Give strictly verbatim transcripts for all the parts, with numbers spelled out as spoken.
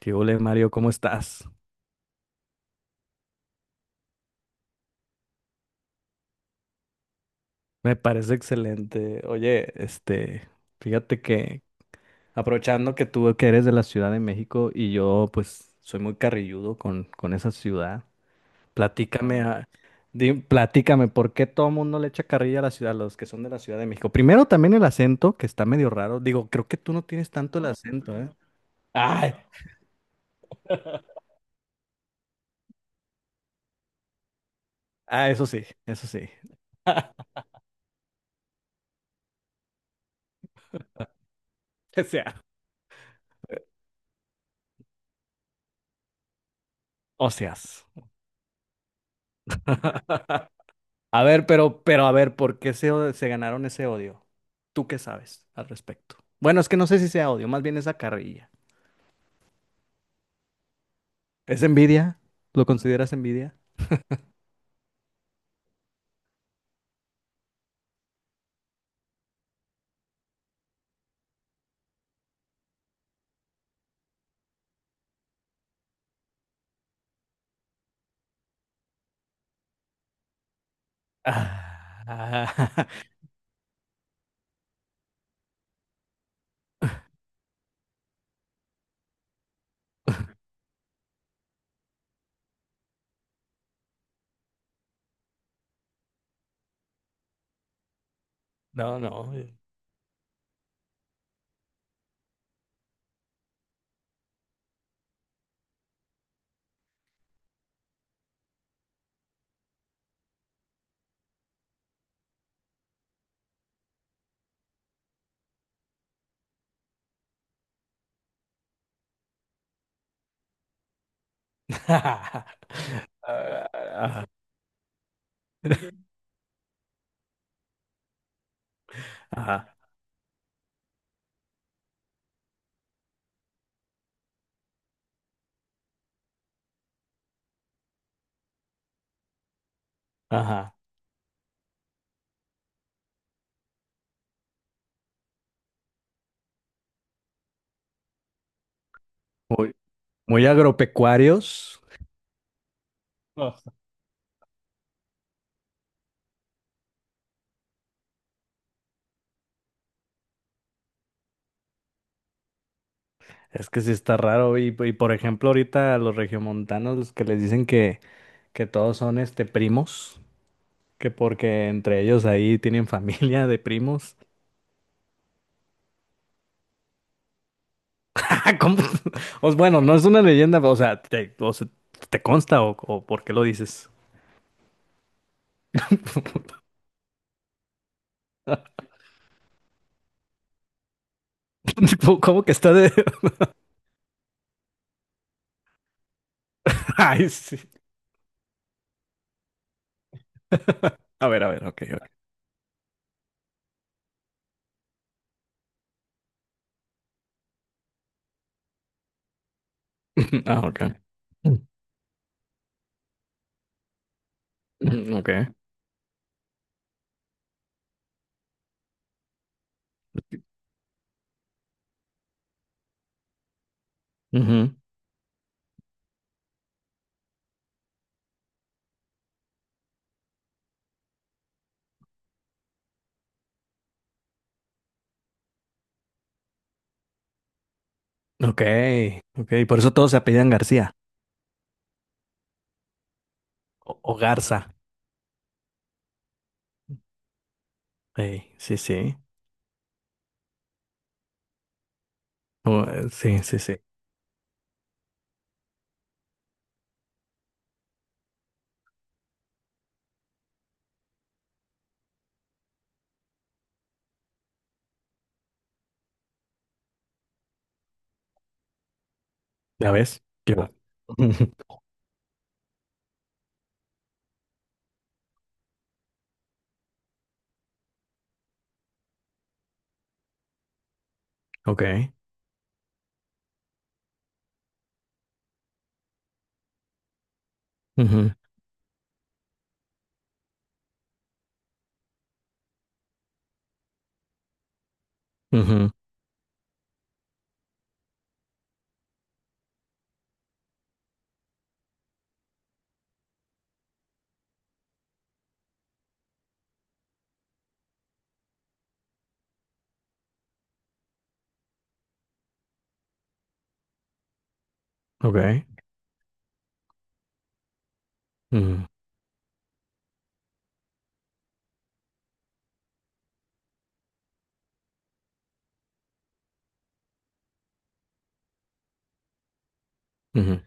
¿Qué ole, Mario? ¿Cómo estás? Me parece excelente. Oye, este, fíjate que aprovechando que tú que eres de la Ciudad de México y yo pues soy muy carrilludo con, con esa ciudad, platícame, a- di- platícame, ¿por qué todo el mundo le echa carrilla a la ciudad, los que son de la Ciudad de México? Primero también el acento, que está medio raro. Digo, creo que tú no tienes tanto el acento, ¿eh? Ay, ah, eso sí, eso sí. O sea, o a ver, pero, pero a ver, ¿por qué se, o- ¿se ganaron ese odio? ¿Tú qué sabes al respecto? Bueno, es que no sé si sea odio, más bien esa carrilla. ¿Es envidia? ¿Lo consideras envidia? Ah, no, no. Ah, ah, ajá, ajá. Muy, muy agropecuarios. No. Es que sí está raro. Y, y por ejemplo, ahorita los regiomontanos, los que les dicen que, que todos son este primos. Que porque entre ellos ahí tienen familia de primos. Ah, ¿cómo? Os- bueno, no es una leyenda, o sea, te, o sea, ¿te consta o, o por qué lo dices? Tipo, ¿cómo que está de...? Ay, sí. A ver, a ver, ok, ok. Ah, ok. Mm, ok. Ujú. Ok, ok. Por eso todos se apellidan García o, o Garza. Ey, sí, sí. O, eh, sí, sí, sí. ¿Ya ves? Qué va. Ujú. Ok. Ujú, ujú, ok. Ujú, ujú.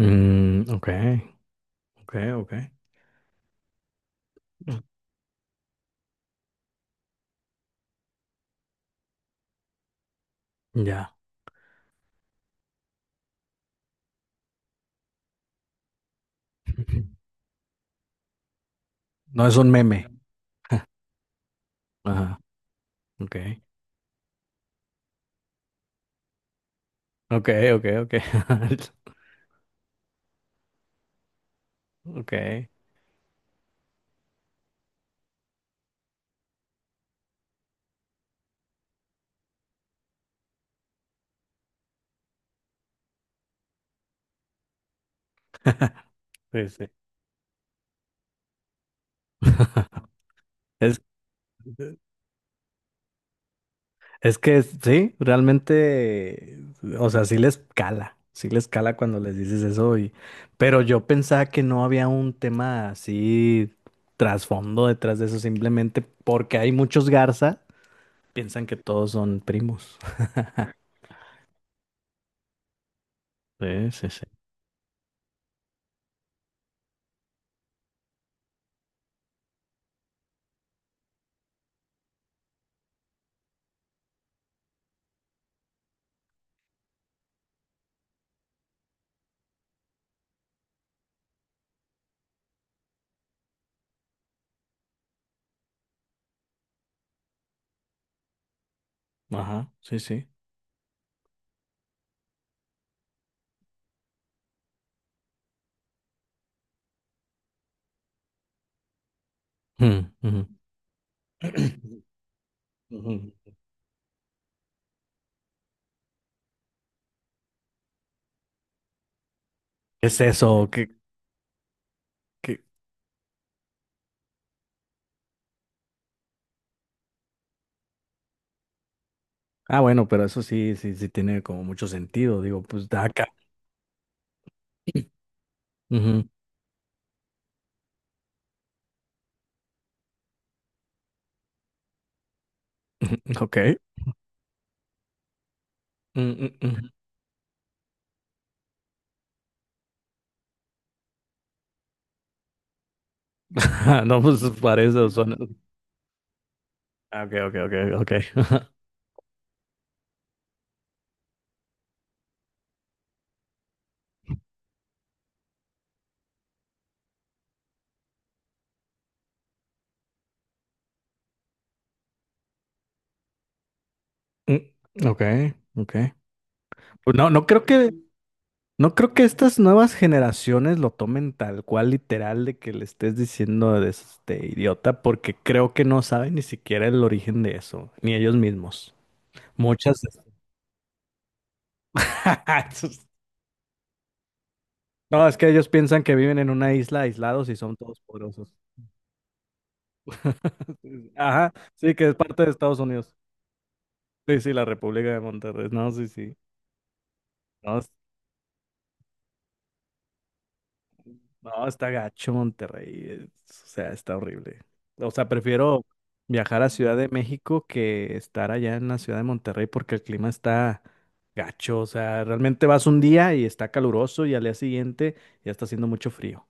Mm, ok, ok, ok. Ya. No es un meme. Ajá, ok. Ok, ok, ok. Ok, sí, sí. Es, es que sí, realmente, o sea, sí les cala, sí les cala cuando les dices eso. Y, pero yo pensaba que no había un tema así trasfondo detrás de eso, simplemente porque hay muchos Garza, piensan que todos son primos. Sí, sí, sí. Ajá, sí, sí. Mm, ujú. Ujú. Es eso, que, que... Ah, bueno, pero eso sí, sí, sí tiene como mucho sentido. Digo, pues da acá. Ujú. Ok. Mm, mm, mm. No, pues parece, suena. Ah, ok, ok, ok, ok. Mm, ok, ok. Pues No, no creo que, no creo que estas nuevas generaciones lo tomen tal cual literal de que le estés diciendo de este idiota, porque creo que no saben ni siquiera el origen de eso, ni ellos mismos. Muchas. No, es que ellos piensan que viven en una isla aislados y son todos poderosos. Ajá, sí, que es parte de Estados Unidos. Sí, sí, la República de Monterrey. No, sí, sí. No, es- no, Está gacho Monterrey. Es- o sea, está horrible. O sea, prefiero viajar a Ciudad de México que estar allá en la Ciudad de Monterrey porque el clima está gacho. O sea, realmente vas un día y está caluroso y al día siguiente ya está haciendo mucho frío.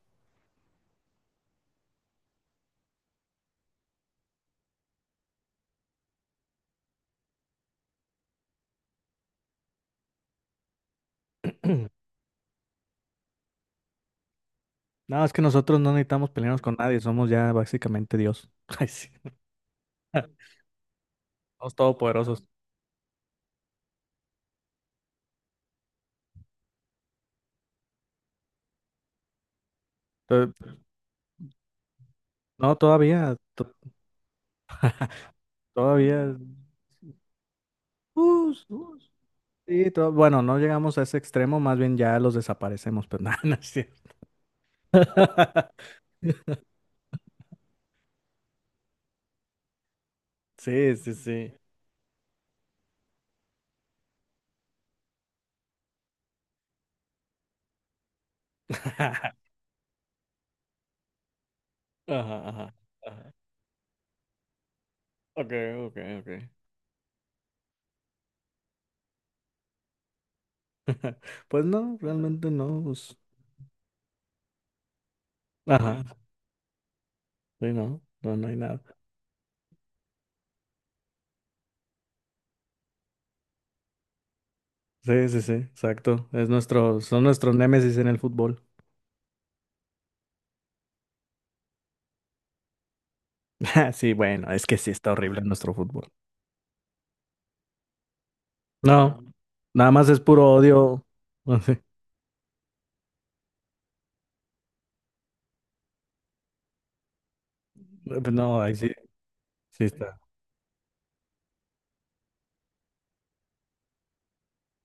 No, es que nosotros no necesitamos pelearnos con nadie. Somos ya básicamente Dios. Ay, sí. Somos todopoderosos. To- No, todavía, to- todavía. us, us, sí, to- bueno, no llegamos a ese extremo, más bien ya los desaparecemos, pero nada, no es cierto. Sí, sí, sí. Ajá, ajá, ajá. Okay, okay, okay. Pues no, realmente no. Pues, ajá, sí, no, no, no hay nada. Sí, sí, sí, exacto. Es nuestro, son nuestros némesis en el fútbol. Sí, bueno, es que sí está horrible nuestro fútbol. No. Nada más es puro odio. Sí. No, ahí sí, sí está.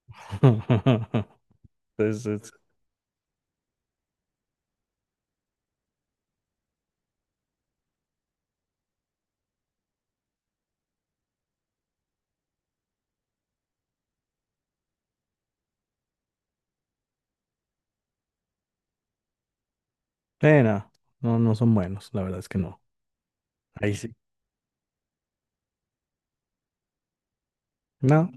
Pues, es- eh, no, no, no son buenos, la verdad es que no. Ahí sí. No,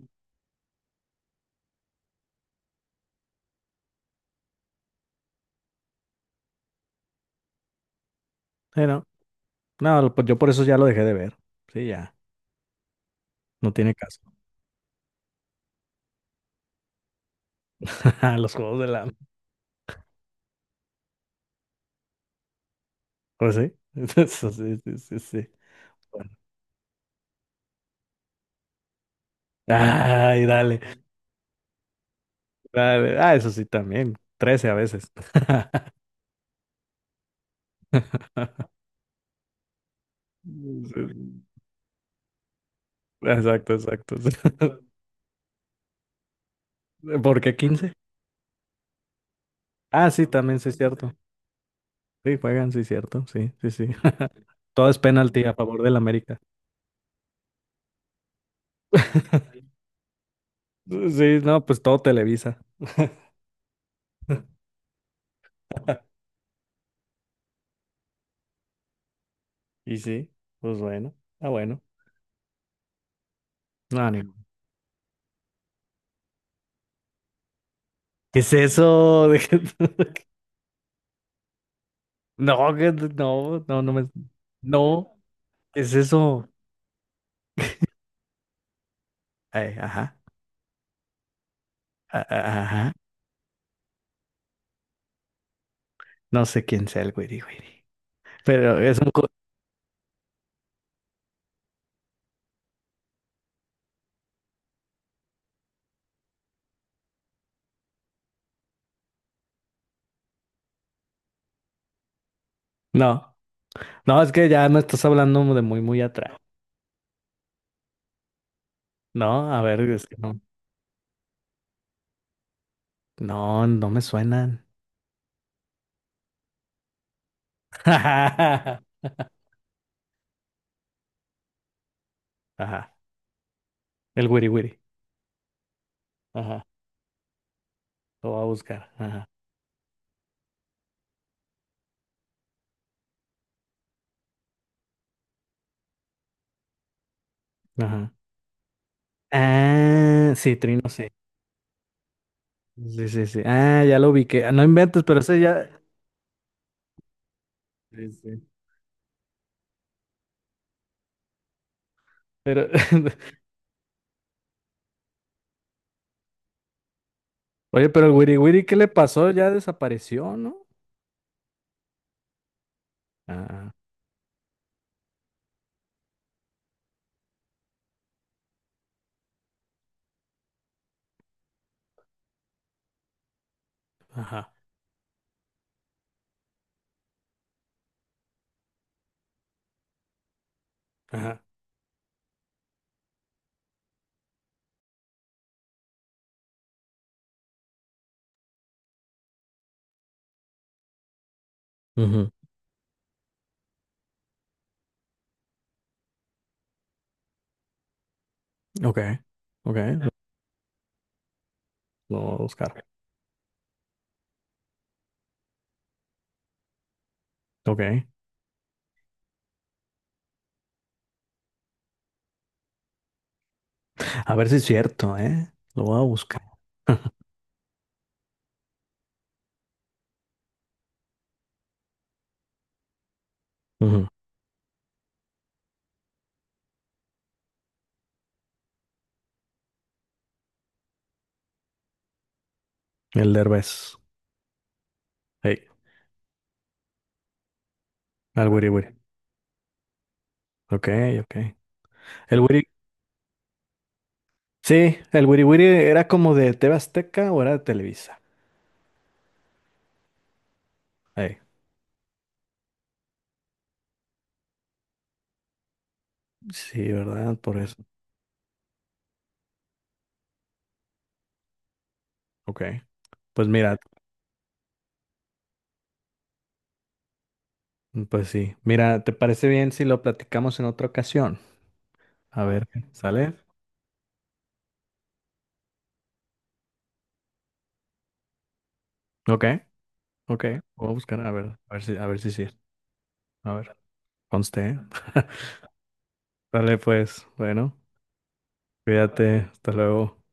eh, no. No, lo- pues yo por eso ya lo dejé de ver. Sí, ya, no tiene caso. Los juegos del hambre. Pues sí. Eso sí, sí, sí, sí. Bueno. Ay, dale, dale. Ah, eso sí también. Trece a veces. Sí, exacto, exacto. ¿Por qué quince? Ah, sí, también sí es cierto. Sí, juegan, sí, cierto. Sí, sí, sí. Todo es penalti a favor del América. Sí, no, pues todo Televisa. Y sí, pues bueno. Ah, bueno. No, ni- ¿Qué es eso? ¿De qué- no, que- no, no, no me. No, ¿qué es eso? Ay, ajá, a- a- ajá. No sé quién sea el güiri güiri. Pero es un. Co- No, no, es que ya me estás hablando de muy, muy atrás. No, a ver, es que no. No, no me suenan. Ajá. Ajá, el wiri wiri. Ajá. Lo va a buscar. Ajá. Ajá. Ah, sí, Trino, sí. Sí, sí, sí. Ah, ya lo vi que. No inventes, pero ese ya. Sí, sí. Pero, oye, pero el wiri wiri, ¿qué le pasó? Ya desapareció, ¿no? Ah, ajá, ajá. Ujú. Ok, ok. Lo lo voy a buscar. Ok. A ver si es cierto, ¿eh? Lo voy a buscar. Ujú. El Derbez. Hey, al wiri wiri. Ok, ok. El wiri. Sí, el Wiri Wiri era como de T V Azteca o era de Televisa. Ey, sí, ¿verdad? Por eso. Ok. Pues mira, pues sí. Mira, ¿te parece bien si lo platicamos en otra ocasión? A ver, ¿sale? Ok, ok. Voy a buscar, a ver, a ver si, a ver si sí. A ver, conste. ¿Eh? Sale pues, bueno, cuídate, hasta luego.